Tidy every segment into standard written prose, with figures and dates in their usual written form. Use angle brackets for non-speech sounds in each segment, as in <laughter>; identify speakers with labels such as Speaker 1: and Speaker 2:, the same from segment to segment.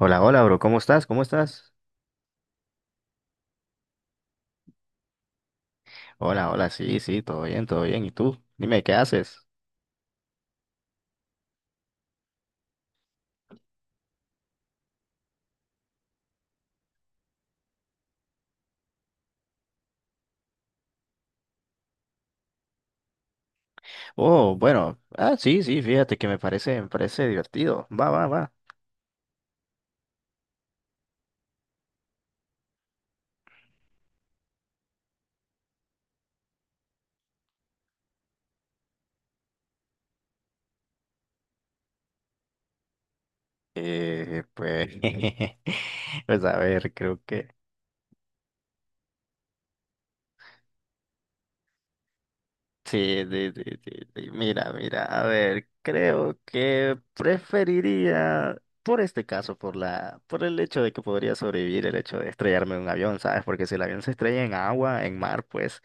Speaker 1: Hola, hola, bro, ¿cómo estás? ¿Cómo estás? Hola, hola, sí, sí, todo bien, todo bien. ¿Y tú? Dime, ¿qué haces? Oh, bueno, sí, sí, fíjate que me parece divertido. Va, va, va. Pues, <laughs> pues a ver, creo que sí, sí, sí, sí, sí. Mira, mira, a ver, creo que preferiría, por este caso, por el hecho de que podría sobrevivir el hecho de estrellarme en un avión, ¿sabes? Porque si el avión se estrella en agua, en mar, pues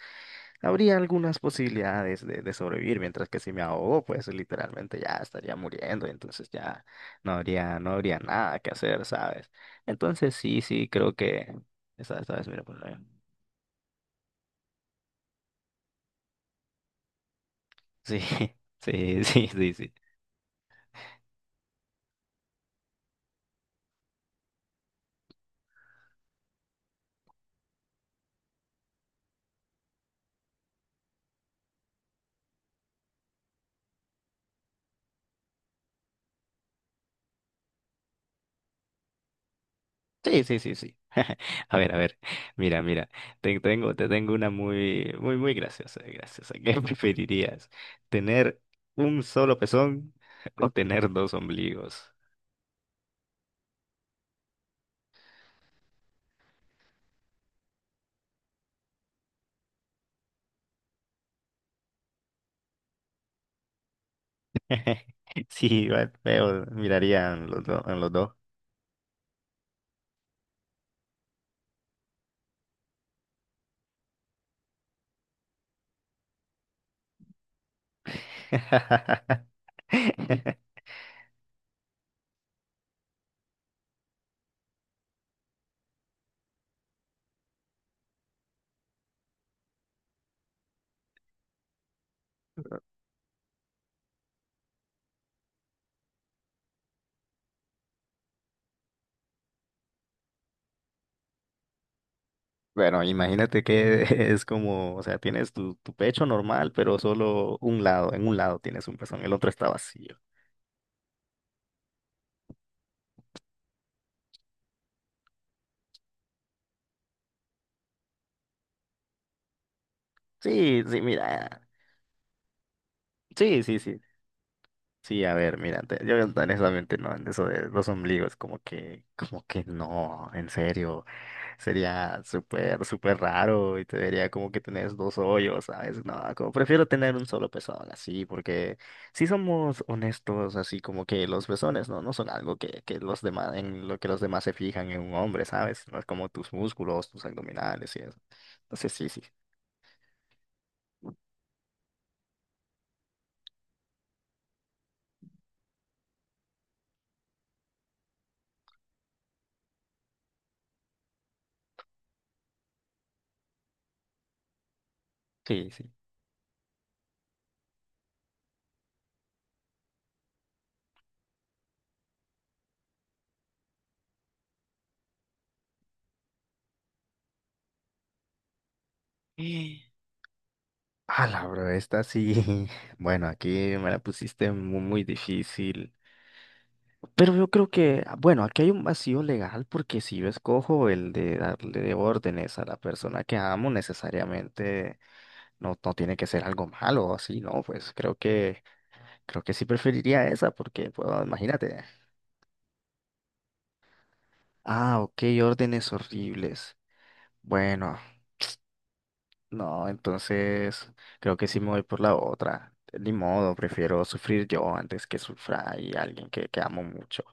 Speaker 1: habría algunas posibilidades de sobrevivir, mientras que si me ahogo, pues literalmente ya estaría muriendo, entonces ya no habría nada que hacer, ¿sabes? Entonces sí, sí, creo que, esta vez, mira, por el avión. Sí, <laughs> sí, sí, sí, sí. Sí, sí, sí, sí. A ver, mira, mira, te tengo una muy, muy, muy graciosa, graciosa. ¿Qué <laughs> preferirías? ¿Tener un solo pezón o tener dos ombligos? <laughs> Sí, igual feo, mirarían los dos, en los dos. <laughs> Bueno, imagínate que <laughs> es como, o sea, tienes tu pecho normal, pero solo un lado, en un lado tienes un pezón, el otro está vacío. Sí, sí, mira. Sí, sí, sí. Sí, a ver, mira, yo no, honestamente no, en eso de los ombligos, como que no, en serio, sería súper, súper raro y te vería como que tenés dos hoyos, ¿sabes? No, como prefiero tener un solo pezón, así, porque si somos honestos, así como que los pezones, ¿no? No son algo que los demás, en lo que los demás se fijan en un hombre, ¿sabes? No es como tus músculos, tus abdominales y eso. Entonces, sí, sí. Sí, sí. <gasps> Ah, la bro, esta sí. <laughs> Bueno, aquí me la pusiste muy, muy, difícil. Pero yo creo que, bueno, aquí hay un vacío legal porque si yo escojo el de darle órdenes a la persona que amo, necesariamente no tiene que ser algo malo o así, ¿no? Pues creo que sí preferiría esa porque, pues, imagínate. Ah, ok, órdenes horribles. Bueno, no, entonces creo que sí me voy por la otra. Ni modo, prefiero sufrir yo antes que sufra y alguien que amo mucho.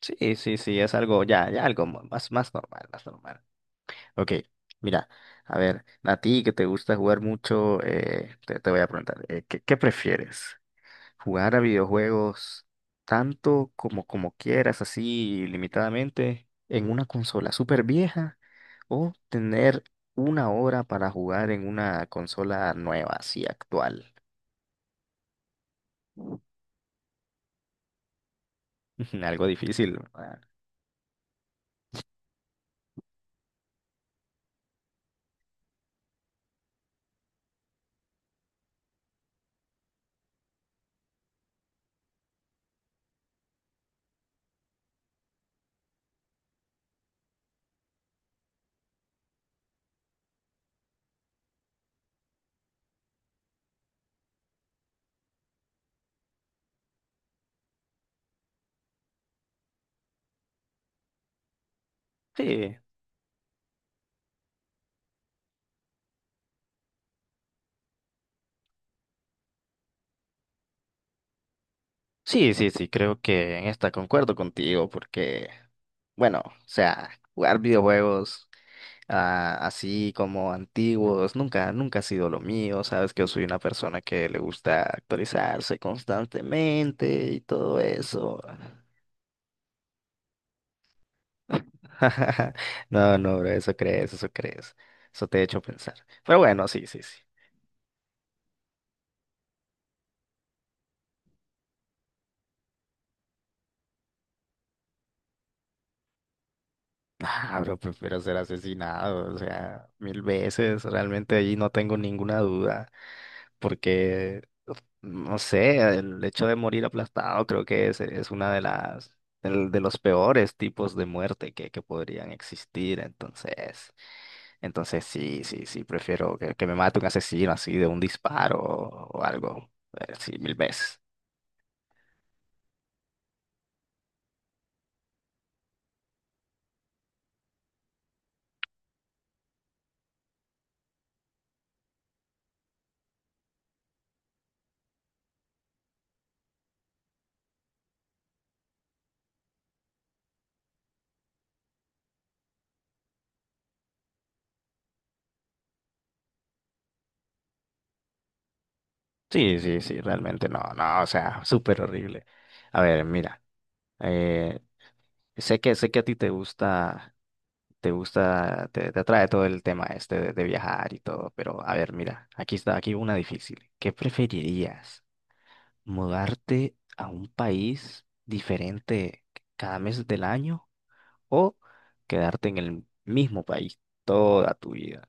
Speaker 1: Sí, sí, sí, es algo, ya, ya algo más, más normal, más normal. Ok, mira, a ver, a ti que te gusta jugar mucho, te voy a preguntar, ¿qué, qué prefieres? Jugar a videojuegos tanto como, como quieras, así limitadamente, en una consola súper vieja, o tener una hora para jugar en una consola nueva, así actual. <laughs> Algo difícil, ¿verdad? Sí, sí, sí, sí, creo que en esta concuerdo contigo, porque, bueno, o sea, jugar videojuegos. Ah, así como antiguos, nunca, nunca ha sido lo mío, sabes que yo soy una persona que le gusta actualizarse constantemente y todo eso. <laughs> No, no, bro, eso crees, eso crees, eso te he hecho pensar. Pero bueno, sí, sí, sí. Ah, bro, prefiero ser asesinado, o sea, mil veces, realmente ahí no tengo ninguna duda. Porque, no sé, el hecho de morir aplastado creo que es una de de los peores tipos de muerte que podrían existir. Entonces, entonces sí, sí, sí, prefiero que me mate un asesino así de un disparo o algo, sí, mil veces. Sí, sí, sí, realmente no, no, o sea, súper horrible. A ver, mira, eh, sé que a ti te gusta. Te atrae todo el tema este de viajar y todo, pero a ver, mira, aquí está, aquí una difícil. ¿Qué preferirías? ¿Mudarte a un país diferente cada mes del año o quedarte en el mismo país toda tu vida?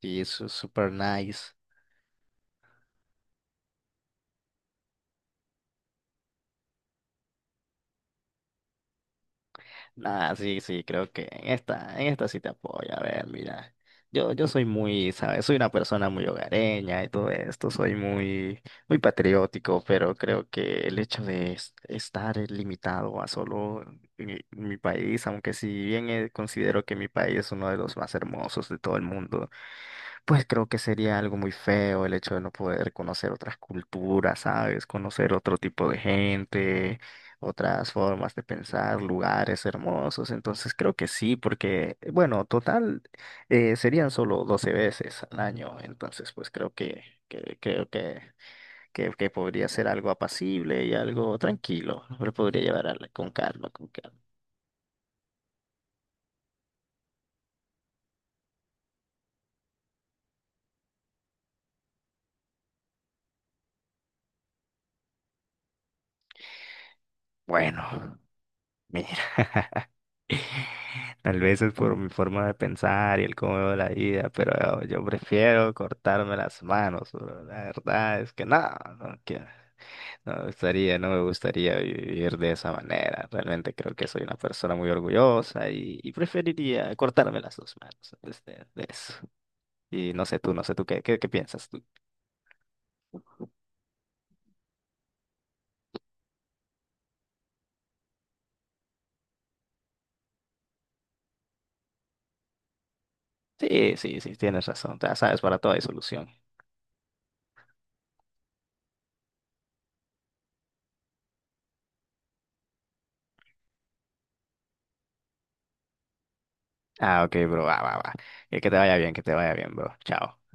Speaker 1: Sí, eso es super nice. Ah, sí, sí, creo que en en esta sí te apoyo. A ver, mira, yo soy muy, ¿sabes? Soy una persona muy hogareña y todo esto, soy muy, muy patriótico, pero creo que el hecho de estar limitado a solo mi país, aunque si bien considero que mi país es uno de los más hermosos de todo el mundo, pues creo que sería algo muy feo el hecho de no poder conocer otras culturas, ¿sabes? Conocer otro tipo de gente, otras formas de pensar, lugares hermosos. Entonces creo que sí, porque, bueno, total, serían solo 12 veces al año. Entonces, pues creo que, que podría ser algo apacible y algo tranquilo. Lo podría llevar a con calma, con calma. Bueno, mira. Tal vez es por mi forma de pensar y el cómo veo la vida, pero yo prefiero cortarme las manos, bro. La verdad es que no, no quiero. No me gustaría, no me gustaría vivir de esa manera. Realmente creo que soy una persona muy orgullosa y preferiría cortarme las dos manos de eso. Y no sé tú, no sé tú, ¿qué, qué, qué piensas tú? Sí, sí, sí, tienes razón. Ya sabes, para todo hay solución. Ah, ok, bro, va, va, va. Que te vaya bien, que te vaya bien, bro. Chao.